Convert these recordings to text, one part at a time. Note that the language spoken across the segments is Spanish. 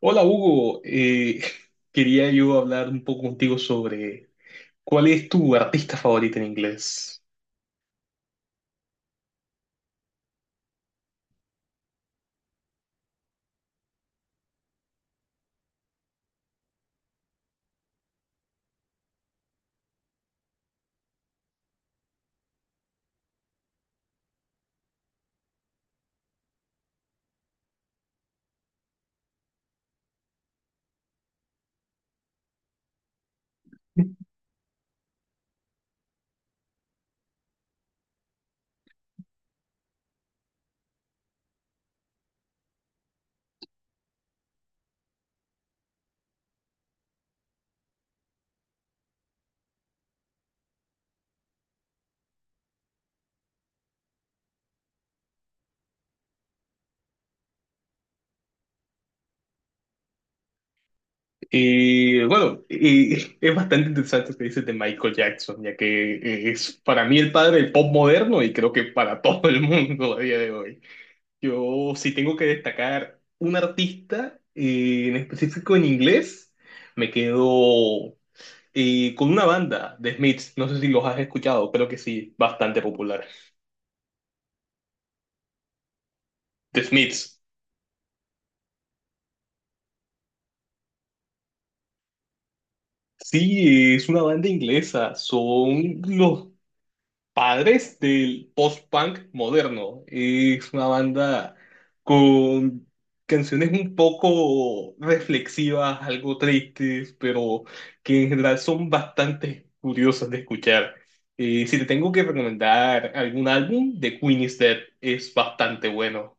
Hola Hugo. Quería yo hablar un poco contigo sobre cuál es tu artista favorito en inglés. Bueno, es bastante interesante lo que dices de Michael Jackson, ya que es para mí el padre del pop moderno y creo que para todo el mundo a día de hoy. Yo si tengo que destacar un artista en específico en inglés, me quedo con una banda, The Smiths. No sé si los has escuchado, creo que sí, bastante popular. The Smiths. Sí, es una banda inglesa. Son los padres del post-punk moderno. Es una banda con canciones un poco reflexivas, algo tristes, pero que en general son bastante curiosas de escuchar. Si te tengo que recomendar algún álbum, The Queen is Dead es bastante bueno.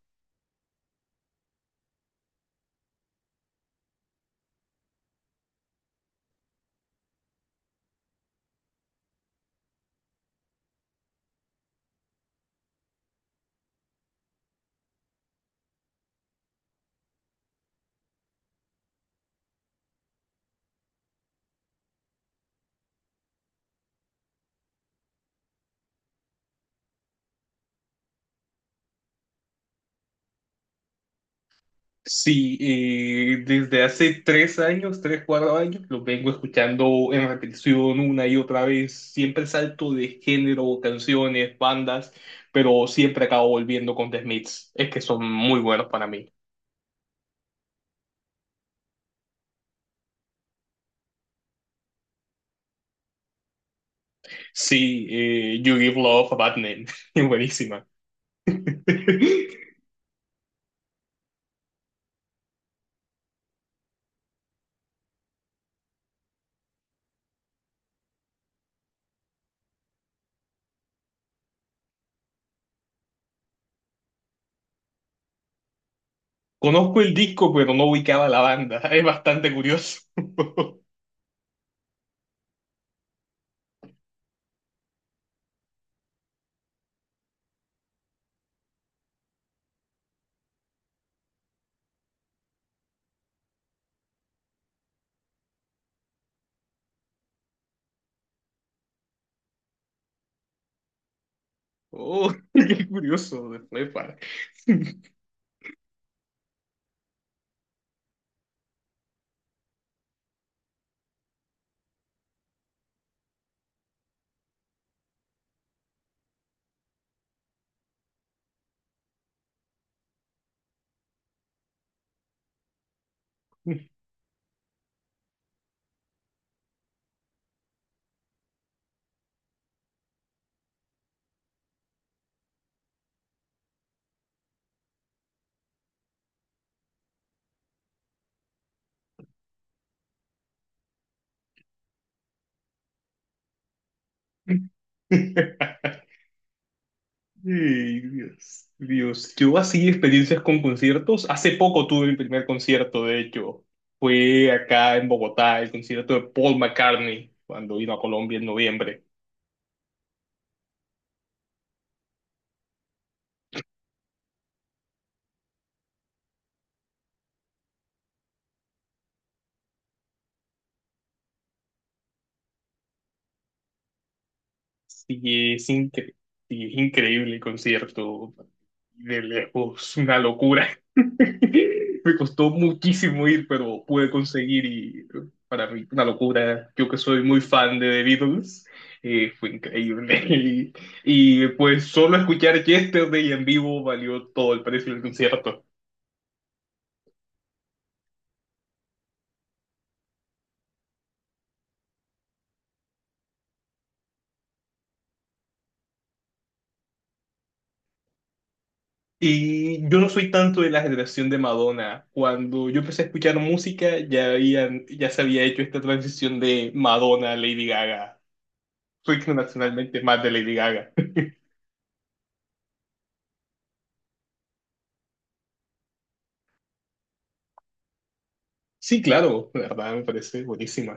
Sí, desde hace tres años, tres, cuatro años, lo vengo escuchando en repetición una y otra vez. Siempre salto de género, canciones, bandas, pero siempre acabo volviendo con The Smiths. Es que son muy buenos para mí. Sí, You Give Love a Bad Name, es buenísima. Conozco el disco, pero no ubicaba la banda. Es bastante curioso. Oh, qué curioso, de flepa. Ey, Dios, Dios. Yo así experiencias con conciertos. Hace poco tuve mi primer concierto, de hecho. Fue acá en Bogotá, el concierto de Paul McCartney, cuando vino a Colombia en noviembre. Sí, es, incre- sí, es increíble el concierto. De lejos, una locura. Me costó muchísimo ir, pero pude conseguir y para mí una locura. Yo que soy muy fan de The Beatles, fue increíble. Pues solo escuchar Yesterday en vivo valió todo el precio del concierto. Y yo no soy tanto de la generación de Madonna. Cuando yo empecé a escuchar música, ya se había hecho esta transición de Madonna a Lady Gaga, internacionalmente más de Lady Gaga. Sí, claro, la verdad me parece buenísima.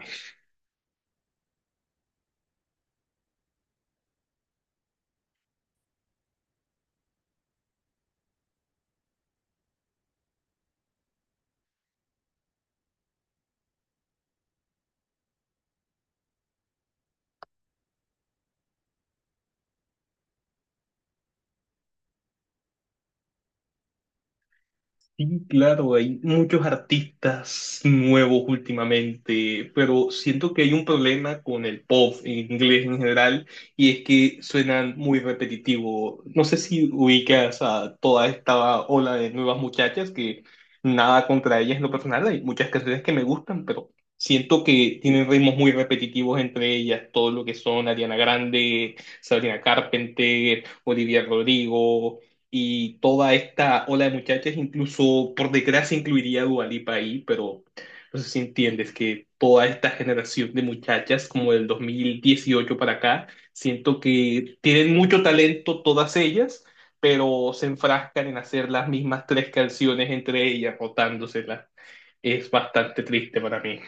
Sí, claro, hay muchos artistas nuevos últimamente, pero siento que hay un problema con el pop en inglés en general y es que suenan muy repetitivo. No sé si ubicas a toda esta ola de nuevas muchachas que, nada contra ellas en lo personal, hay muchas canciones que me gustan, pero siento que tienen ritmos muy repetitivos entre ellas, todo lo que son Ariana Grande, Sabrina Carpenter, Olivia Rodrigo y toda esta ola de muchachas, incluso por desgracia incluiría a Dua Lipa ahí, pero no sé si entiendes que toda esta generación de muchachas, como del 2018 para acá, siento que tienen mucho talento todas ellas, pero se enfrascan en hacer las mismas tres canciones entre ellas, rotándoselas. Es bastante triste para mí.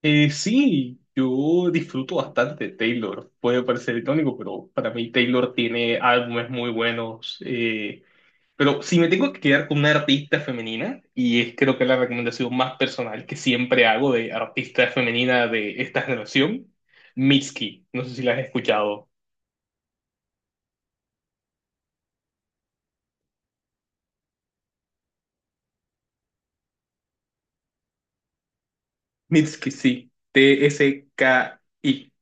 Sí, yo disfruto bastante de Taylor. Puede parecer irónico, pero para mí Taylor tiene álbumes muy buenos. Pero si me tengo que quedar con una artista femenina, y es creo que la recomendación más personal que siempre hago de artista femenina de esta generación, Mitski. No sé si la has escuchado. Mitski, sí. TSKI.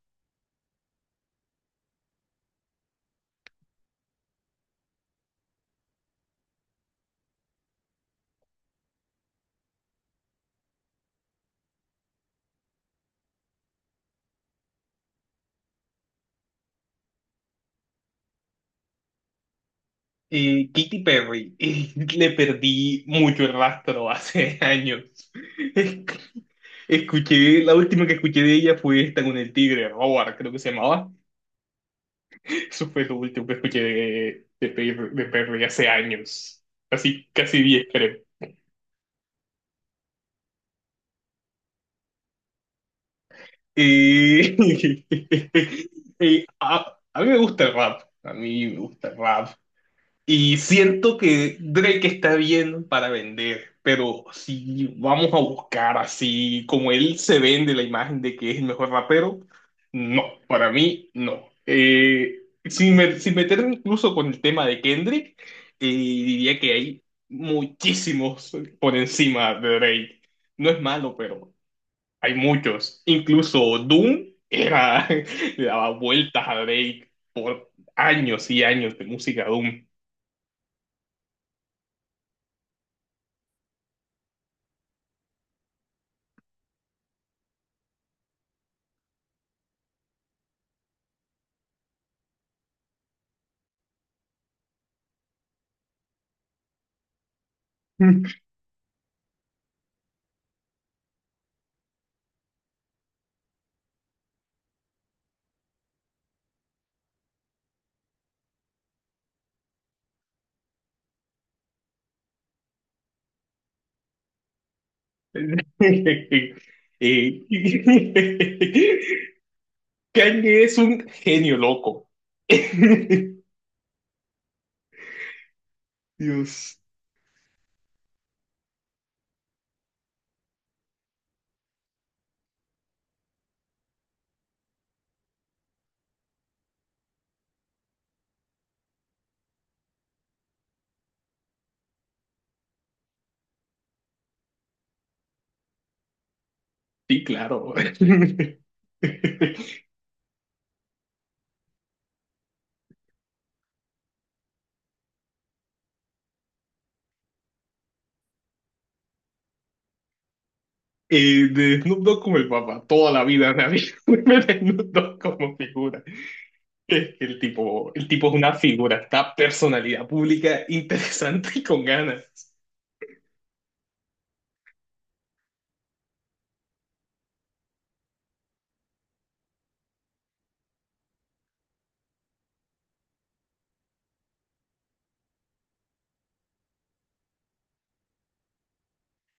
Y Katy Perry. Y le perdí mucho el rastro hace años. Es- Escuché, la última que escuché de ella fue esta con el tigre, Robert, creo que se llamaba. Eso fue lo último que escuché de de Perry hace años. Así, casi 10 creo. Y, y a, a mí me gusta el rap. A mí me gusta el rap. Y siento que Drake está bien para vender, pero si vamos a buscar así como él se vende la imagen de que es el mejor rapero, no, para mí no. Sin meterme incluso con el tema de Kendrick, diría que hay muchísimos por encima de Drake. No es malo, pero hay muchos. Incluso Doom era, le daba vueltas a Drake por años y años de música Doom. Eh, Kanye es un genio loco. Dios, sí, claro. De Snoop Dogg como el papá, toda la vida me había de Snoop Dogg como figura. Es que el tipo es una figura, está personalidad pública interesante y con ganas.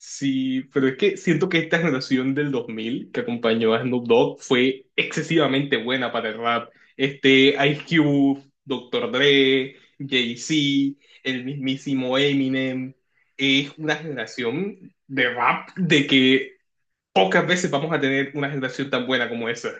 Sí, pero es que siento que esta generación del 2000 que acompañó a Snoop Dogg fue excesivamente buena para el rap. Este, Ice Cube, Doctor Dre, Jay-Z, el mismísimo Eminem. Es una generación de rap de que pocas veces vamos a tener una generación tan buena como esa.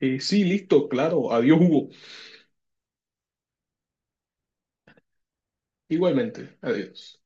Sí, listo, claro. Adiós, Hugo. Igualmente, adiós.